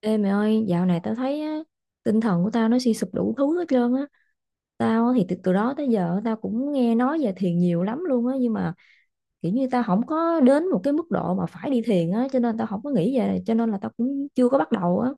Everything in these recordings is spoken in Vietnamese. Ê mày ơi, dạo này tao thấy á, tinh thần của tao nó suy sụp đủ thứ hết trơn á. Tao á thì từ đó tới giờ tao cũng nghe nói về thiền nhiều lắm luôn á, nhưng mà kiểu như tao không có đến một cái mức độ mà phải đi thiền á, cho nên tao không có nghĩ về, cho nên là tao cũng chưa có bắt đầu á.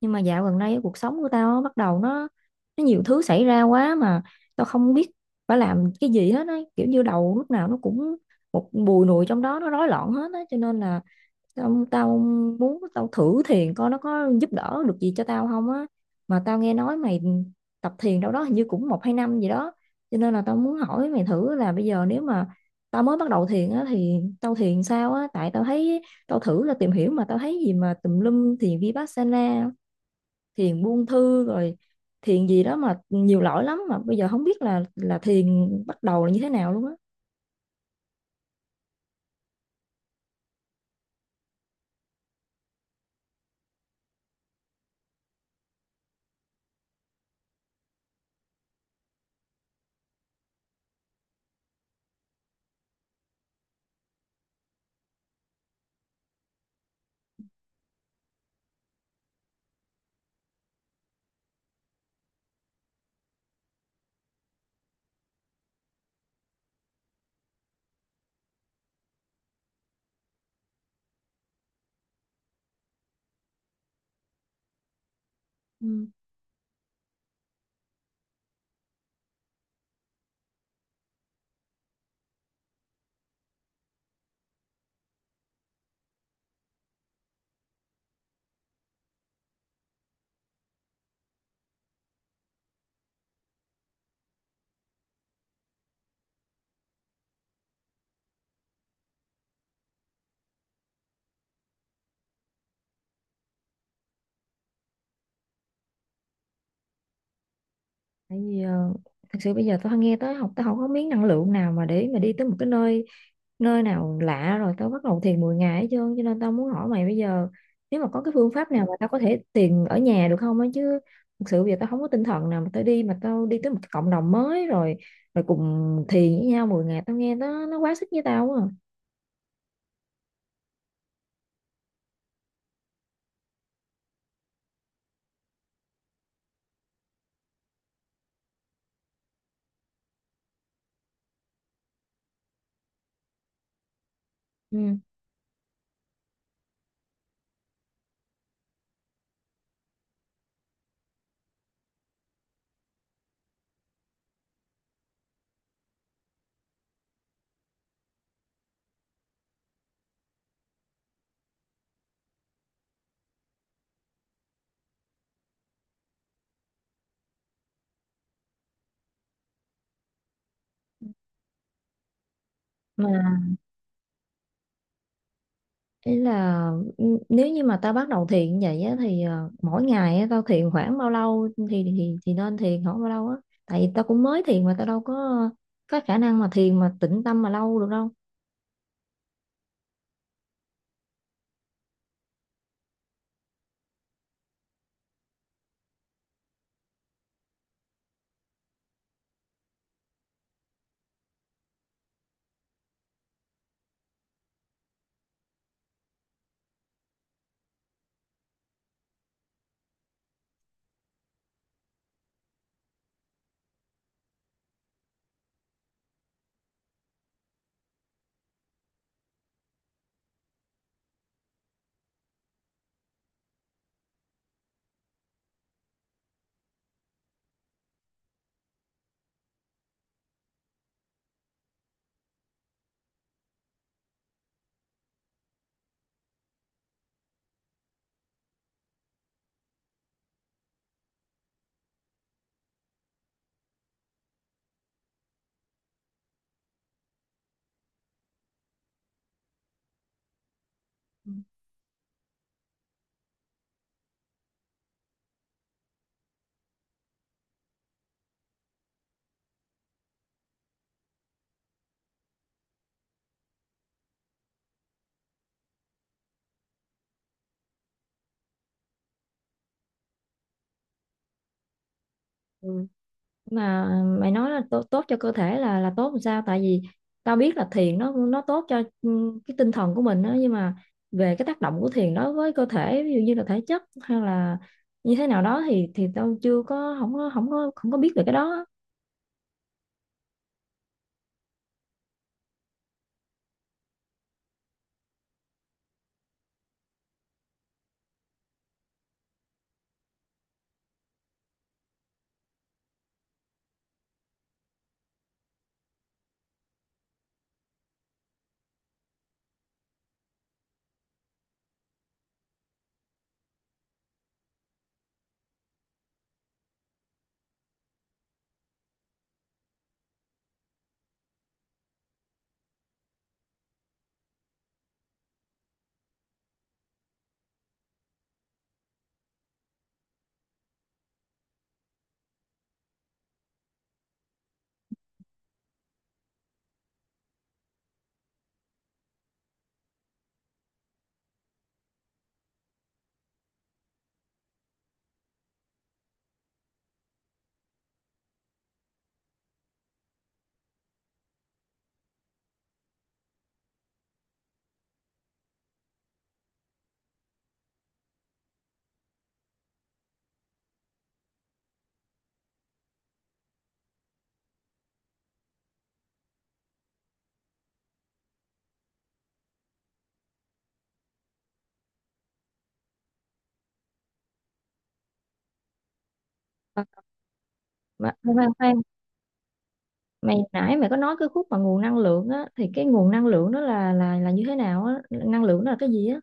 Nhưng mà dạo gần đây cuộc sống của tao á, bắt đầu nó nhiều thứ xảy ra quá mà tao không biết phải làm cái gì hết á, kiểu như đầu lúc nào nó cũng một bùi nùi trong đó, nó rối loạn hết á, cho nên là tao muốn tao thử thiền coi nó có giúp đỡ được gì cho tao không á, mà tao nghe nói mày tập thiền đâu đó hình như cũng một hai năm gì đó, cho nên là tao muốn hỏi mày thử là bây giờ nếu mà tao mới bắt đầu thiền á thì tao thiền sao á? Tại tao thấy tao thử là tìm hiểu mà tao thấy gì mà tùm lum, thiền Vipassana, thiền buông thư, rồi thiền gì đó mà nhiều loại lắm, mà bây giờ không biết là thiền bắt đầu là như thế nào luôn á. Ừ. Tại vì thật sự bây giờ tao nghe tới học tao không có miếng năng lượng nào mà để mà đi tới một cái nơi nơi nào lạ rồi tao bắt đầu thiền 10 ngày hết trơn, cho nên tao muốn hỏi mày bây giờ nếu mà có cái phương pháp nào mà tao có thể thiền ở nhà được không á, chứ thực sự bây giờ tao không có tinh thần nào mà tao đi tới một cái cộng đồng mới rồi rồi cùng thiền với nhau 10 ngày, tao nghe nó quá sức với tao quá à. Ừ. Mà ý là nếu như mà tao bắt đầu thiền vậy á, thì mỗi ngày á, tao thiền khoảng bao lâu thì thì nên thiền khoảng bao lâu á? Tại vì tao cũng mới thiền mà tao đâu có khả năng mà thiền mà tĩnh tâm mà lâu được đâu. Ừ. Mà mày nói là tốt tốt cho cơ thể là tốt làm sao? Tại vì tao biết là thiền nó tốt cho cái tinh thần của mình đó, nhưng mà về cái tác động của thiền đối với cơ thể ví dụ như là thể chất hay là như thế nào đó thì tao chưa có không có không có không có biết về cái đó á. Ờ. Mà khoan khoan, mày nãy mày có nói cái khúc mà nguồn năng lượng á, thì cái nguồn năng lượng đó là là như thế nào á? Năng lượng đó là cái gì á?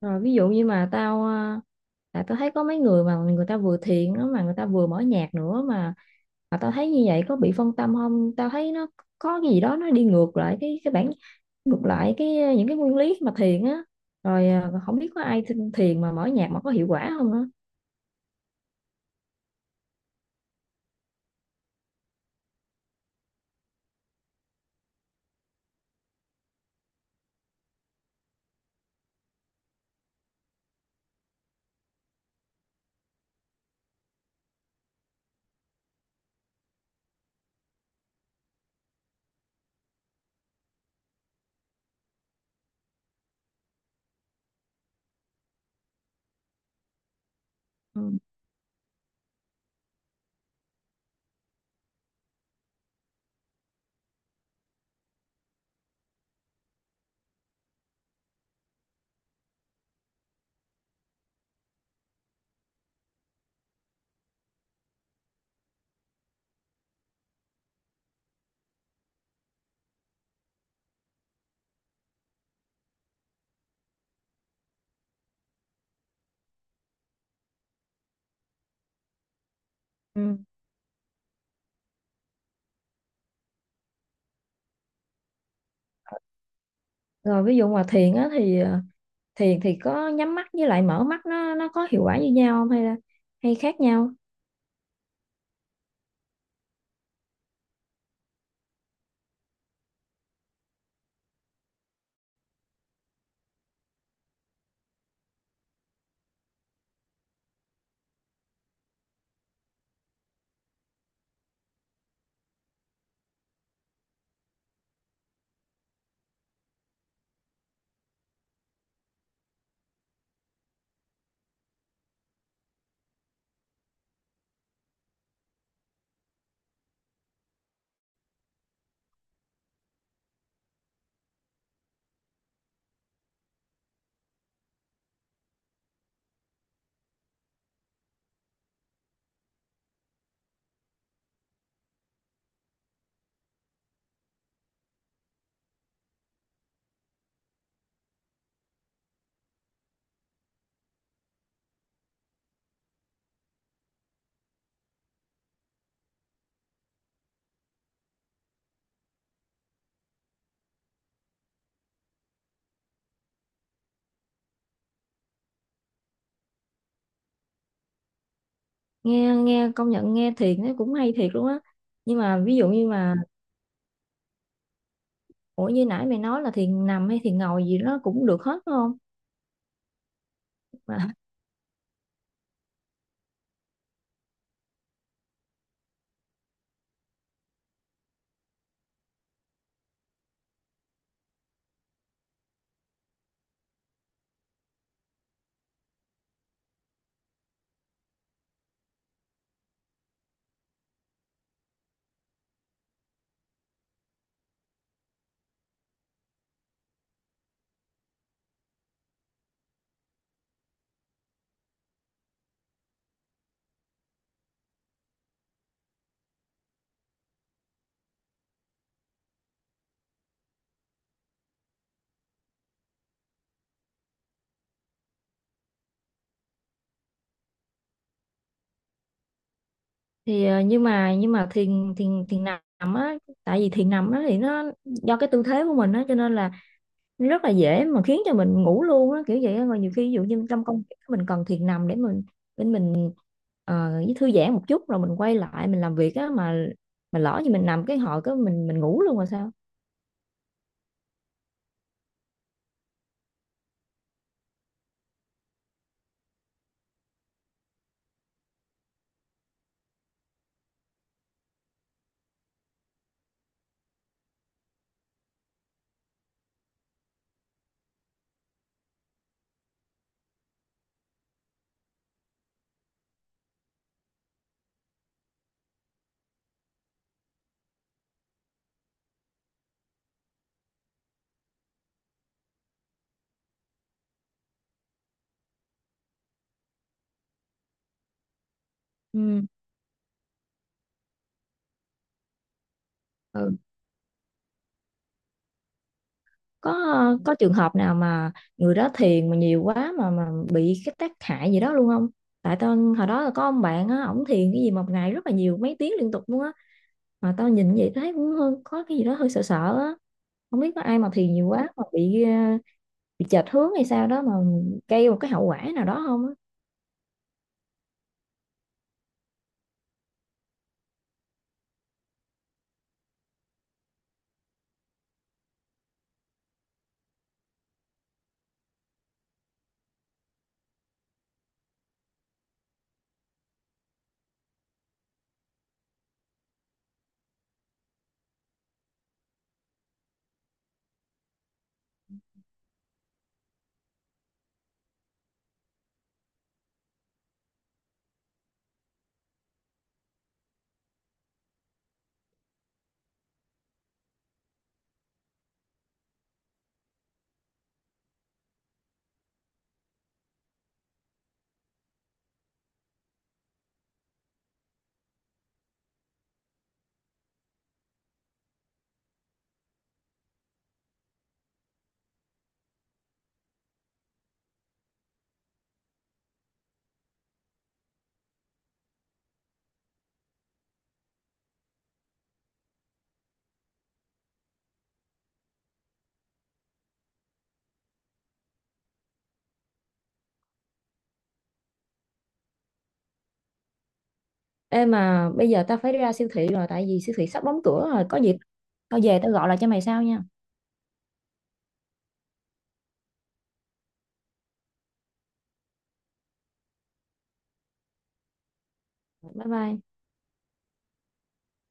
Rồi ví dụ như mà tao tại tao thấy có mấy người mà người ta vừa thiền đó mà người ta vừa mở nhạc nữa mà tao thấy như vậy có bị phân tâm không? Tao thấy nó có cái gì đó nó đi ngược lại cái bản, ngược lại cái ờ, những cái nguyên lý mà thiền á. Rồi à, không biết có ai thiền mà mở nhạc mà có hiệu quả không á? Ừ. Ừ. Rồi ví dụ mà thiền á thì ờ, thì có nhắm mắt với lại mở mắt nó có hiệu quả như nhau không hay khác nhau? Nghe nghe công nhận nghe thiền nó cũng hay thiệt luôn á, nhưng mà ví dụ như mà ủa như nãy mày nói là thiền nằm hay thiền ngồi gì nó cũng được hết đúng không? Mà, thì nhưng mà thiền thiền thiền nằm á, tại vì thiền nằm á thì nó do cái tư thế của mình á cho nên là rất là dễ mà khiến cho mình ngủ luôn á kiểu vậy á. Rồi nhiều khi ví dụ như trong công việc mình cần thiền nằm để mình với thư giãn một chút rồi mình quay lại mình làm việc á, mà lỡ như mình nằm cái hồi cái mình ngủ luôn rồi sao? Ừ. Ừ. có trường hợp nào mà người đó thiền mà nhiều quá mà bị cái tác hại gì đó luôn không? Tại tao hồi đó là có ông bạn á, ổng thiền cái gì một ngày rất là nhiều mấy tiếng liên tục luôn á, mà tao nhìn vậy thấy cũng có cái gì đó hơi sợ sợ á. Không biết có ai mà thiền nhiều quá mà bị chệch hướng hay sao đó mà gây một cái hậu quả nào đó không á? Ê mà bây giờ tao phải đi ra siêu thị rồi, tại vì siêu thị sắp đóng cửa rồi, có gì tao về tao gọi lại cho mày sau nha. Bye bye.